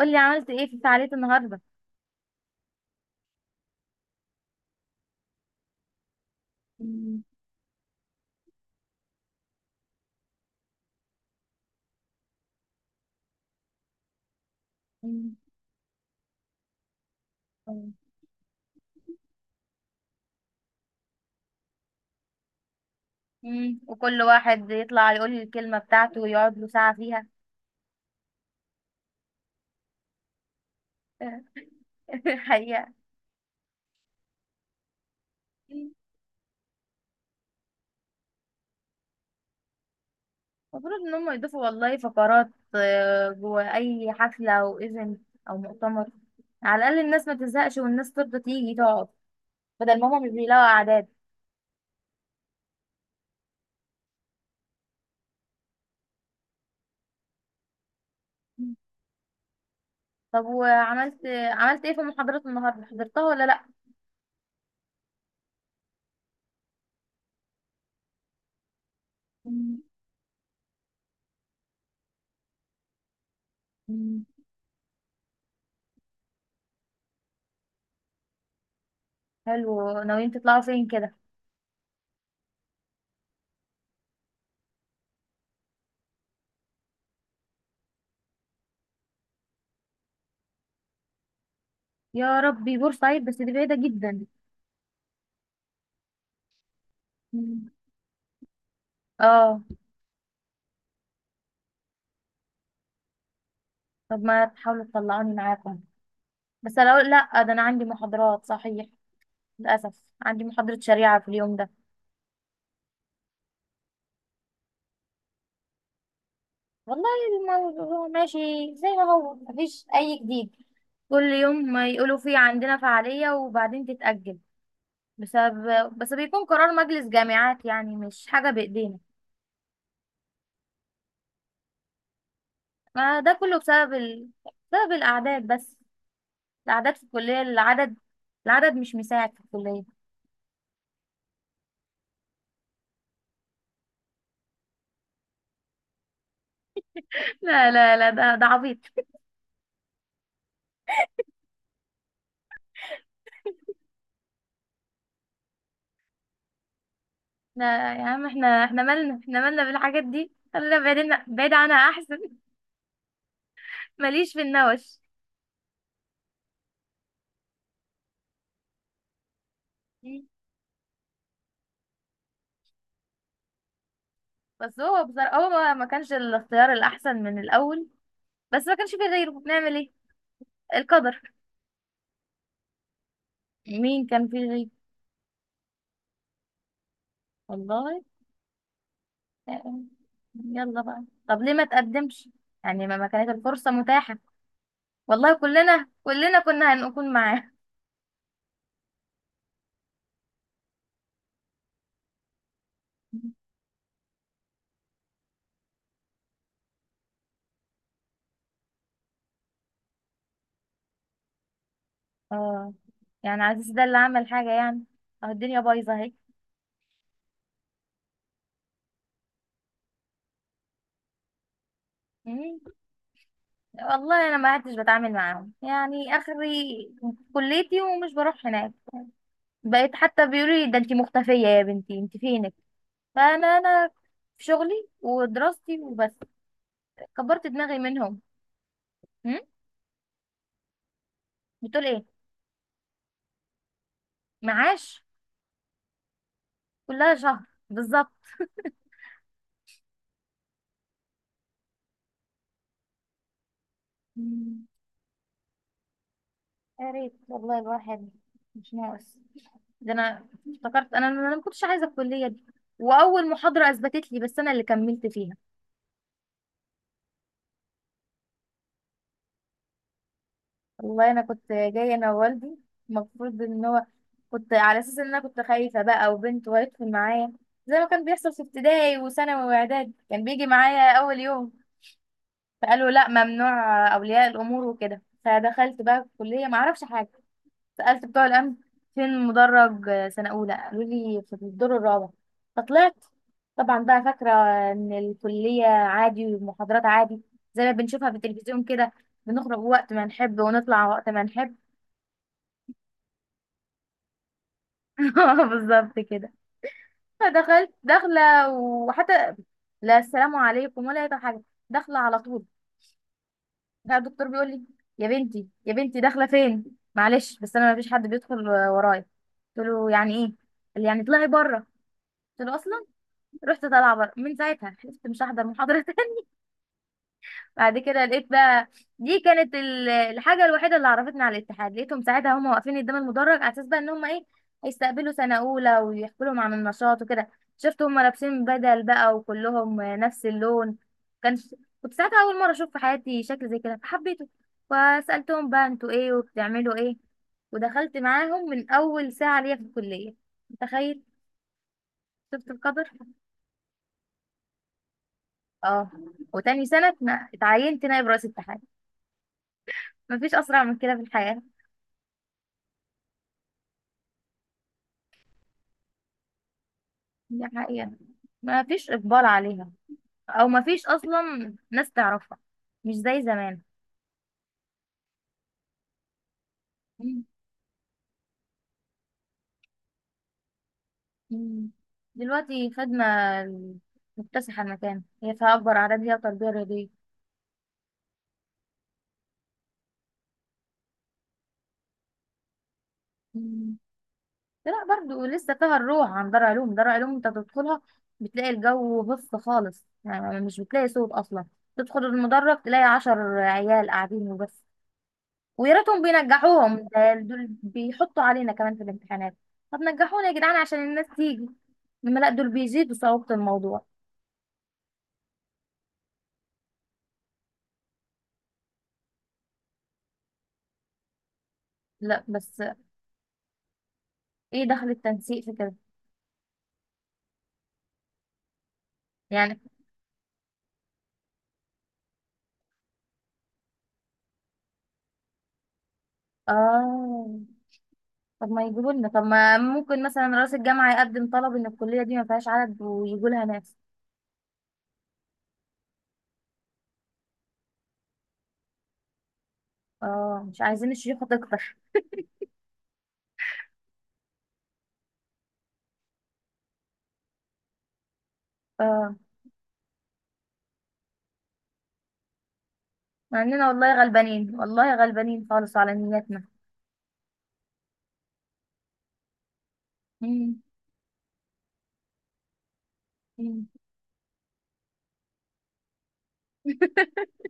قولي عملت ايه في فعالية النهاردة. وكل واحد يطلع يقول لي الكلمة بتاعته ويقعد له ساعة فيها. الحقيقة، المفروض ان هم يضيفوا والله فقرات، جوه اي حفلة او ايفنت او مؤتمر، على الاقل الناس ما تزهقش والناس ترضى تيجي تقعد، بدل ما هم مش بيلاقوا اعداد. طب وعملت ايه في محاضرات النهاردة، حضرتها ولا لا؟ حلو، ناويين تطلعوا فين كده؟ يا ربي، بورسعيد بس دي بعيدة جدا. اه. طب ما تحاولوا تطلعوني معاكم، بس انا اقول لا، ده انا عندي محاضرات صحيح، للاسف عندي محاضرة شريعة في اليوم ده. والله الموضوع ماشي زي ما هو، مفيش اي جديد، كل يوم ما يقولوا في عندنا فعالية وبعدين تتأجل. بس بيكون قرار مجلس جامعات، يعني مش حاجة بايدينا. ما ده كله بسبب ال... بسبب الاعداد بس، الاعداد في الكلية، العدد، العدد مش مساعد في الكلية. لا ده عبيط. احنا يا عم، احنا مالنا، احنا مالنا بالحاجات دي، خلينا بعيدنا بعيد عنها احسن. ماليش في النوش. مم. بس هو بصراحة هو ما كانش الاختيار الأحسن من الأول، بس ما كانش فيه غيره، نعمل ايه؟ القدر. مين كان فيه غيره؟ والله. آه. يلا بقى. طب ليه ما تقدمش؟ يعني ما كانت الفرصة متاحة، والله كلنا كنا هنكون معاه. اه، يعني عزيز ده اللي عمل حاجة يعني؟ اه، الدنيا بايظة. اهي. والله انا ما عدتش بتعامل معاهم يعني اخري كليتي، ومش بروح هناك، بقيت حتى بيقولوا لي ده انتي مختفيه يا بنتي، انتي فينك. فانا في شغلي ودراستي وبس، كبرت دماغي منهم. هم؟ بتقول ايه؟ معاش؟ كلها شهر بالظبط. مم. يا ريت والله، الواحد مش ناقص، ده انا افتكرت انا ما كنتش عايزه الكليه دي، واول محاضره اثبتت لي، بس انا اللي كملت فيها. والله انا كنت جايه انا ووالدي، المفروض ان هو، كنت على اساس ان انا كنت خايفه بقى وبنت، وهيدخل معايا زي ما كان بيحصل في ابتدائي وثانوي واعدادي، كان بيجي معايا اول يوم. فقالوا لا ممنوع اولياء الامور وكده، فدخلت بقى الكليه ما اعرفش حاجه، سالت بتوع الامن فين مدرج سنه اولى، قالوا لي في الدور الرابع، فطلعت. طبعا بقى فاكره ان الكليه عادي والمحاضرات عادي، زي ما بنشوفها في التلفزيون كده، بنخرج وقت ما نحب ونطلع وقت ما نحب. اه بالظبط كده. فدخلت داخله، وحتى لا السلام عليكم ولا اي حاجه، داخله على طول. بقى الدكتور بيقول لي يا بنتي، داخله فين؟ معلش بس انا ما فيش حد بيدخل ورايا. قلت له يعني ايه؟ قال لي يعني اطلعي بره. قلت له اصلا، رحت طالعه بره، من ساعتها حلفت مش هحضر محاضره. بعد كده لقيت بقى، دي كانت ال- الحاجة الوحيدة اللي عرفتنا على الاتحاد، لقيتهم ساعتها هم واقفين قدام المدرج، على اساس بقى ان هم ايه، هيستقبلوا سنة اولى ويحكوا لهم عن النشاط وكده. شفت هم لابسين بدل بقى وكلهم نفس اللون، كان، كنت ساعتها اول مرة اشوف في حياتي شكل زي كده فحبيته، فسألتهم بقى انتوا ايه وبتعملوا ايه، ودخلت معاهم من اول ساعة ليا في الكلية. متخيل؟ شفت القدر؟ اه. وتاني سنة اتعينت نائب رئيس اتحاد، مفيش اسرع من كده في الحياة. دي حقيقة، ما فيش إقبال عليها، أو ما فيش أصلا ناس تعرفها، مش زي زمان. مم. مم. دلوقتي خدمة مكتسحة المكان، هي فيها أكبر أعداد، هي التربية الرياضية. مم. لا برضو لسه فيها الروح، عن دار علوم، دار علوم أنت تدخلها بتلاقي الجو بص خالص، يعني مش بتلاقي صوت أصلا، تدخل المدرج تلاقي عشر عيال قاعدين وبس، ويا ريتهم بينجحوهم، ده دول بيحطوا علينا كمان في الامتحانات. طب نجحونا يا جدعان عشان الناس تيجي، لما لا دول بيزيدوا صعوبة الموضوع. لا بس. ايه دخل التنسيق في كده؟ يعني. اه. طب ما يجيبوا لنا، طب ما ممكن مثلا رئيس الجامعة يقدم طلب ان الكلية دي ما فيهاش عدد ويجوا لها ناس. اه مش عايزين الشيوخة تكتر. اه. مع اننا والله غلبانين، خالص على نياتنا. مم. مم.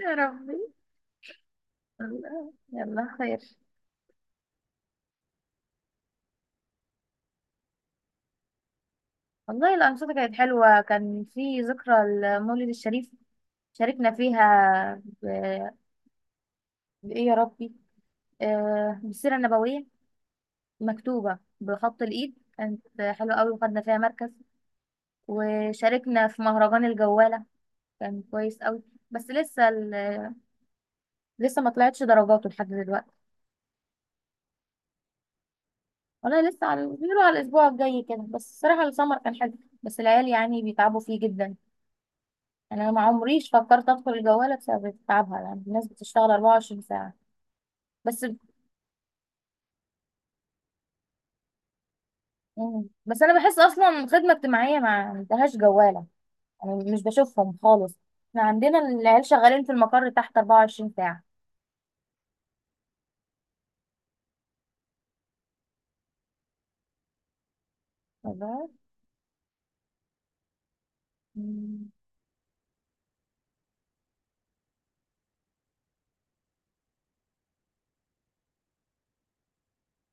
يا ربي، الله يلا خير. والله الأنشطة كانت حلوة، كان في ذكرى المولد الشريف شاركنا فيها ب... بإيه يا ربي، بالسيرة النبوية مكتوبة بخط الإيد، كانت حلوة قوي وخدنا فيها مركز. وشاركنا في مهرجان الجوالة، كان كويس قوي، بس لسه ال- لسه ما طلعتش درجاته لحد دلوقتي. والله لسه على بيقولوا على الأسبوع الجاي كده. بس الصراحة السمر كان حلو، بس العيال يعني بيتعبوا فيه جدا، يعني أنا ما عمريش فكرت أدخل الجوالة بسبب تعبها، يعني الناس بتشتغل 24 ساعة. بس، بس أنا بحس أصلا خدمة اجتماعية ما عندهاش جوالة، مش بشوفهم خالص، احنا عندنا العيال شغالين في المقر تحت 24 ساعة. الله. مم.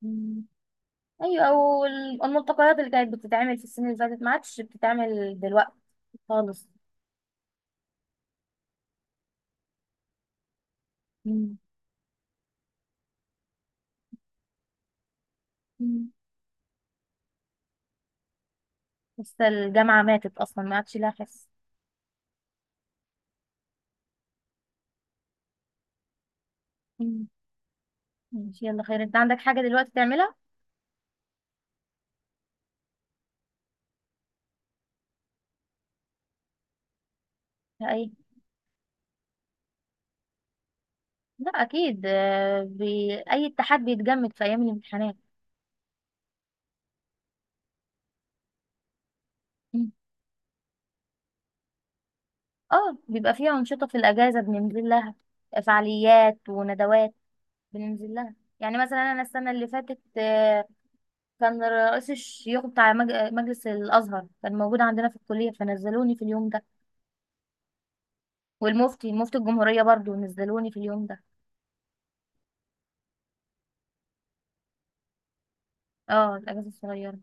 مم. ايوه، او ال- الملتقيات اللي كانت بتتعمل في السنين اللي فاتت ما عادش بتتعمل دلوقتي. خالص. مم. مم. لسه الجامعة ماتت اصلا، ما عادش لها حس. مم. ماشي، يلا خير. انت عندك حاجة دلوقتي تعملها؟ اي. لا اكيد، بي... اي اتحاد بيتجمد في ايام الامتحانات. مم. اه، بيبقى فيها انشطة في الاجازة بننزل لها، فعاليات وندوات بننزل لها. يعني مثلا انا السنه اللي فاتت كان رئيس الشيوخ بتاع مجلس الازهر كان موجود عندنا في الكليه، فنزلوني في اليوم ده، والمفتي مفتي الجمهوريه برضو نزلوني في اليوم ده. اه الاجازه الصغيره.